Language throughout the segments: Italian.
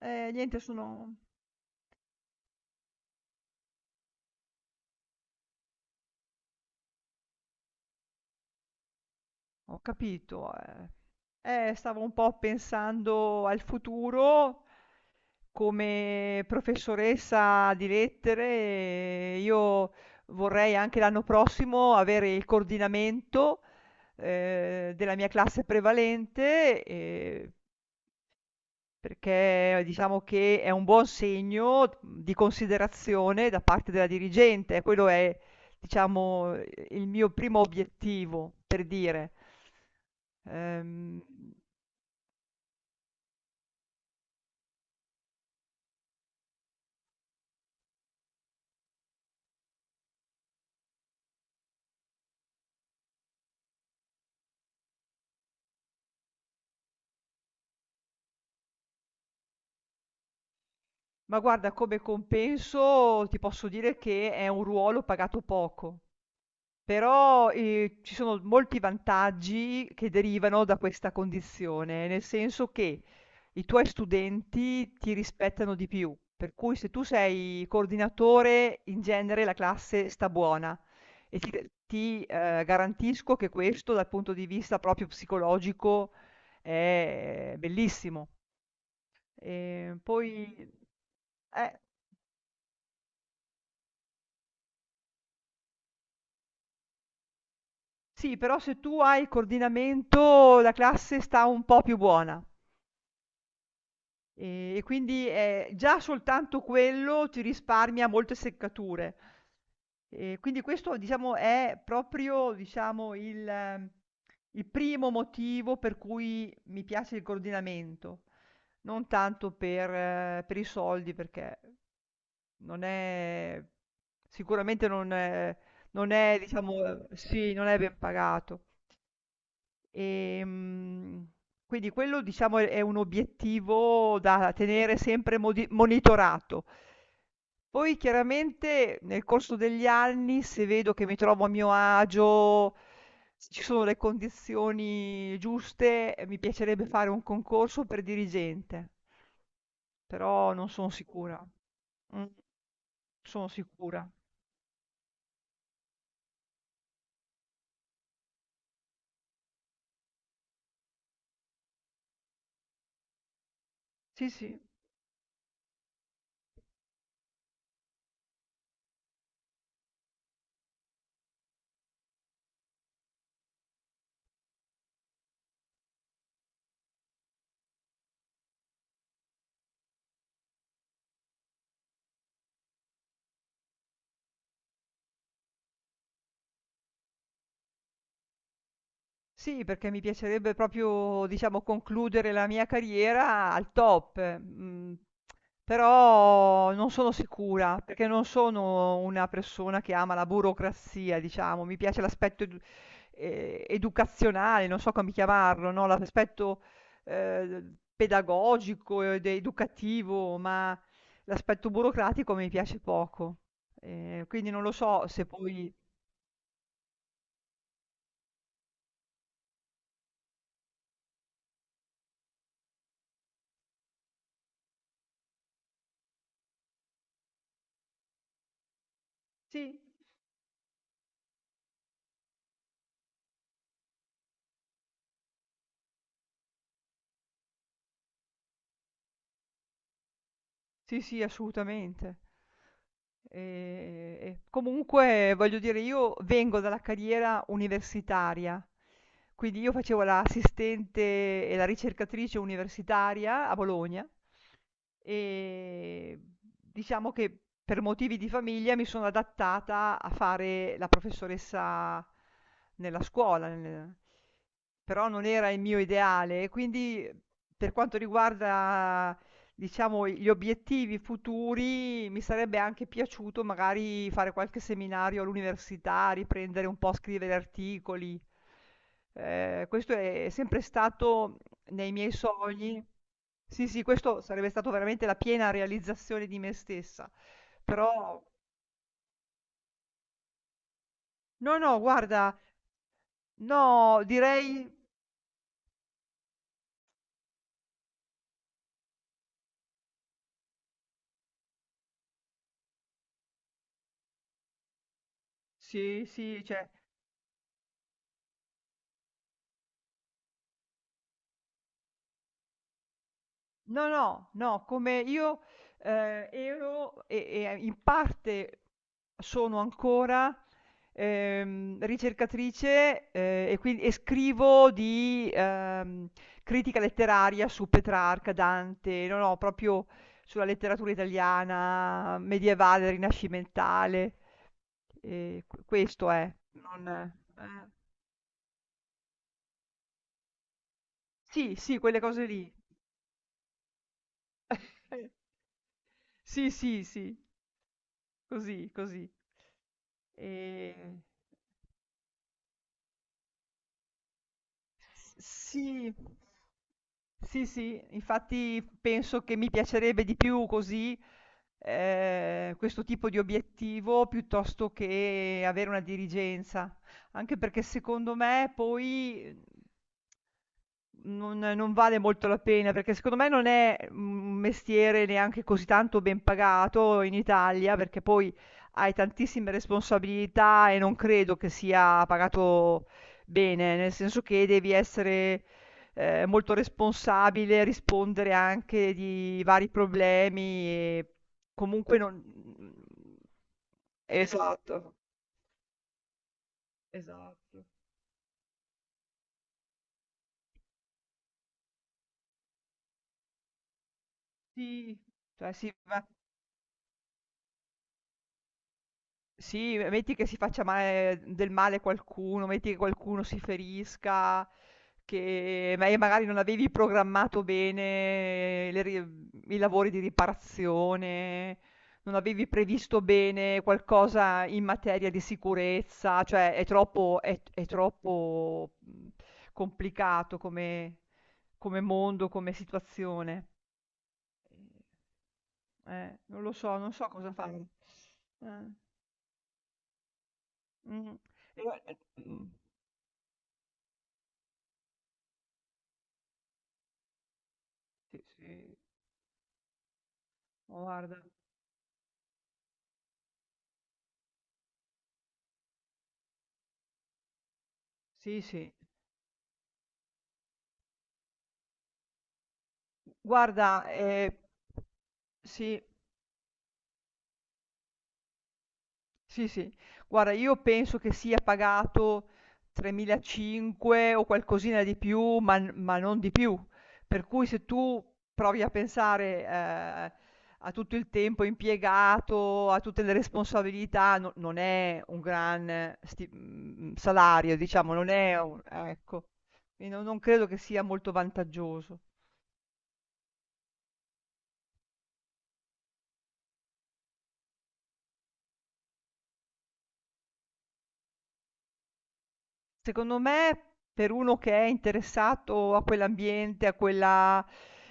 Niente sono Ho capito, eh. Stavo un po' pensando al futuro. Come professoressa di lettere, io vorrei anche l'anno prossimo avere il coordinamento, della mia classe prevalente e perché diciamo che è un buon segno di considerazione da parte della dirigente. Quello è, diciamo, il mio primo obiettivo, per dire. Ehm, ma guarda, come compenso ti posso dire che è un ruolo pagato poco. Però, ci sono molti vantaggi che derivano da questa condizione, nel senso che i tuoi studenti ti rispettano di più, per cui se tu sei coordinatore, in genere la classe sta buona e garantisco che questo dal punto di vista proprio psicologico è bellissimo. Poi eh, sì, però se tu hai coordinamento la classe sta un po' più buona. E quindi, già soltanto quello ti risparmia molte seccature. Quindi questo diciamo è proprio, diciamo, il primo motivo per cui mi piace il coordinamento, non tanto per i soldi perché non è sicuramente non è diciamo sì, non è ben pagato. Ehm, quindi quello diciamo è un obiettivo da tenere sempre modi monitorato. Poi chiaramente nel corso degli anni, se vedo che mi trovo a mio agio, se ci sono le condizioni giuste, mi piacerebbe fare un concorso per dirigente, però non sono sicura. Mm, sono sicura. Sì, sì. Sì, perché mi piacerebbe proprio, diciamo, concludere la mia carriera al top, mhmm, però non sono sicura, perché non sono una persona che ama la burocrazia, diciamo. Mi piace l'aspetto edu educazionale, non so come chiamarlo, no, l'aspetto, pedagogico ed educativo, ma l'aspetto burocratico mi piace poco. Quindi non lo so se poi sì. Sì, sì, assolutamente. E comunque voglio dire io vengo dalla carriera universitaria, quindi io facevo l'assistente e la ricercatrice universitaria a Bologna e diciamo che per motivi di famiglia mi sono adattata a fare la professoressa nella scuola, nel però non era il mio ideale, quindi per quanto riguarda diciamo gli obiettivi futuri, mi sarebbe anche piaciuto magari fare qualche seminario all'università, riprendere un po' a scrivere articoli. Questo è sempre stato nei miei sogni. Sì, sì, questo sarebbe stato veramente la piena realizzazione di me stessa. Però no, no, guarda, no, direi sì, sì, cioè no, no, no, come io, ero e in parte sono ancora, ricercatrice, e scrivo di, critica letteraria su Petrarca, Dante, no, no, proprio sulla letteratura italiana medievale, rinascimentale, q questo è, non sì, sì, quelle cose lì. Sì, sì, sì. Così, così. E... Sì. Sì, sì, infatti penso che mi piacerebbe di più così questo tipo di obiettivo piuttosto che avere una dirigenza, anche perché secondo me poi non vale molto la pena, perché secondo me non è un mestiere neanche così tanto ben pagato in Italia, perché poi hai tantissime responsabilità e non credo che sia pagato bene, nel senso che devi essere, molto responsabile, rispondere anche di vari problemi e comunque non mhmm, esatto, esatto. Sì, cioè sì, ma sì, me metti che si faccia male qualcuno, metti che qualcuno si ferisca, e magari non avevi programmato bene i lavori di riparazione, non avevi previsto bene qualcosa in materia di sicurezza, cioè è troppo, è troppo, complicato come, come mondo, come situazione. Non lo so, non so cosa fare. Eh. Mh. E gua e mh. Sì, sì. Guarda. Sì, sì. Guarda, sì. Sì, sì. Guarda, io penso che sia pagato 3.500 o qualcosina di più, ma, ma non di più. Per cui se tu provi a pensare, a tutto il tempo impiegato, a tutte le responsabilità, non è un gran salario, diciamo, non è un- ecco. Quindi non credo che sia molto vantaggioso. Secondo me, per uno che è interessato a quell'ambiente,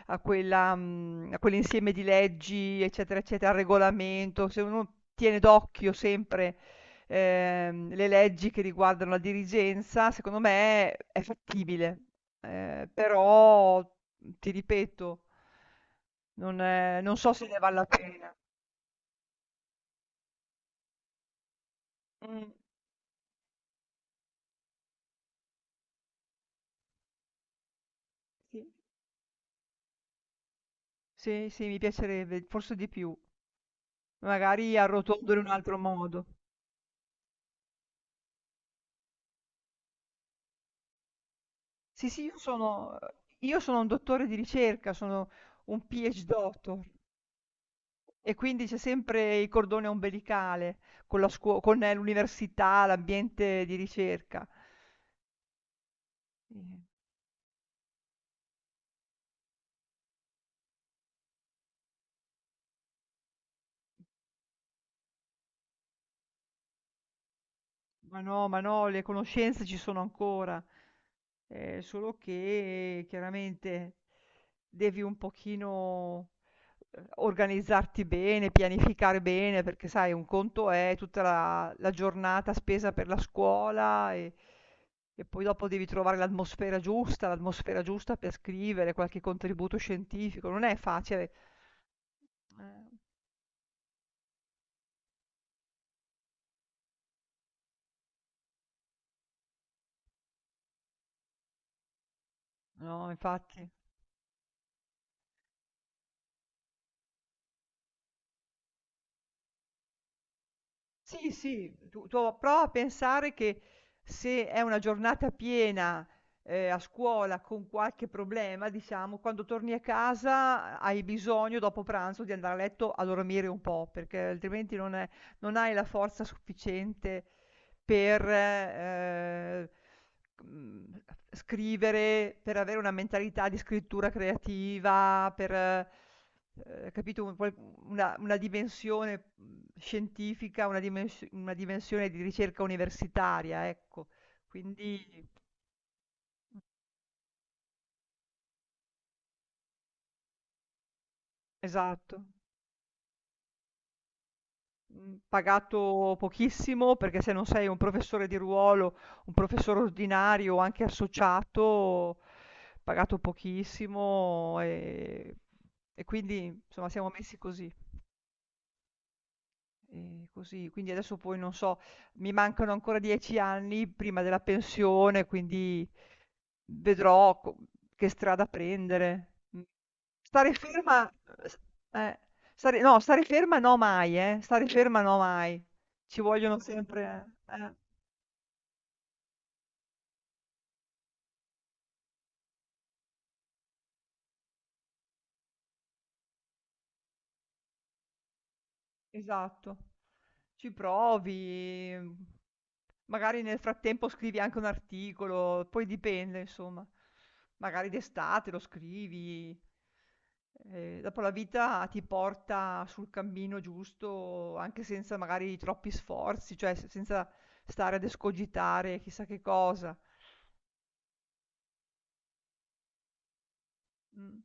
a quella mhmm, a quell'insieme di leggi, eccetera, eccetera, al regolamento, se uno tiene d'occhio sempre, le leggi che riguardano la dirigenza, secondo me è fattibile. Però, mhmm, ti ripeto non so se ne val la pena. Mh, sì. Sì, sì, mi piacerebbe, forse di più. Magari arrotondolo in un altro modo. Sì, sì, io sono un dottore di ricerca, sono un PhD doctor e quindi c'è sempre il cordone ombelicale con l'università, l'ambiente di ricerca. Eh, Ma no, ma no, le conoscenze ci sono ancora, solo che chiaramente devi un pochino organizzarti bene, pianificare bene, perché sai, un conto è tutta la giornata spesa per la scuola e poi dopo devi trovare l'atmosfera giusta per scrivere qualche contributo scientifico, non è facile. Eh, no, infatti. Sì, sì, tu prova a pensare che se è una giornata piena, a scuola con qualche problema, diciamo, quando torni a casa hai bisogno dopo pranzo di andare a letto a dormire un po', perché altrimenti non è non hai la forza sufficiente per, mhmm, scrivere, per avere una mentalità di scrittura creativa, per capito, un qual una dimensione, mhmm, scientifica, una dimensione di ricerca universitaria, ecco. Quindi esatto, mhmm, pagato pochissimo, perché se non sei un professore di ruolo, un professore ordinario o anche associato, pagato pochissimo, e quindi insomma siamo messi così. Così. Quindi adesso poi non so, mi mancano ancora 10 anni prima della pensione, quindi vedrò co che strada prendere. Mh. Stare ferma s eh, stare no, stare ferma no mai, stare ferma no mai. Ci vogliono sempre. Eh. Esatto. Ci provi, mhmm, magari nel frattempo scrivi anche un articolo, poi dipende insomma. Magari d'estate lo scrivi. Dopo la vita ti porta sul cammino giusto anche senza magari troppi sforzi, cioè se senza stare ad escogitare chissà che cosa. Mh.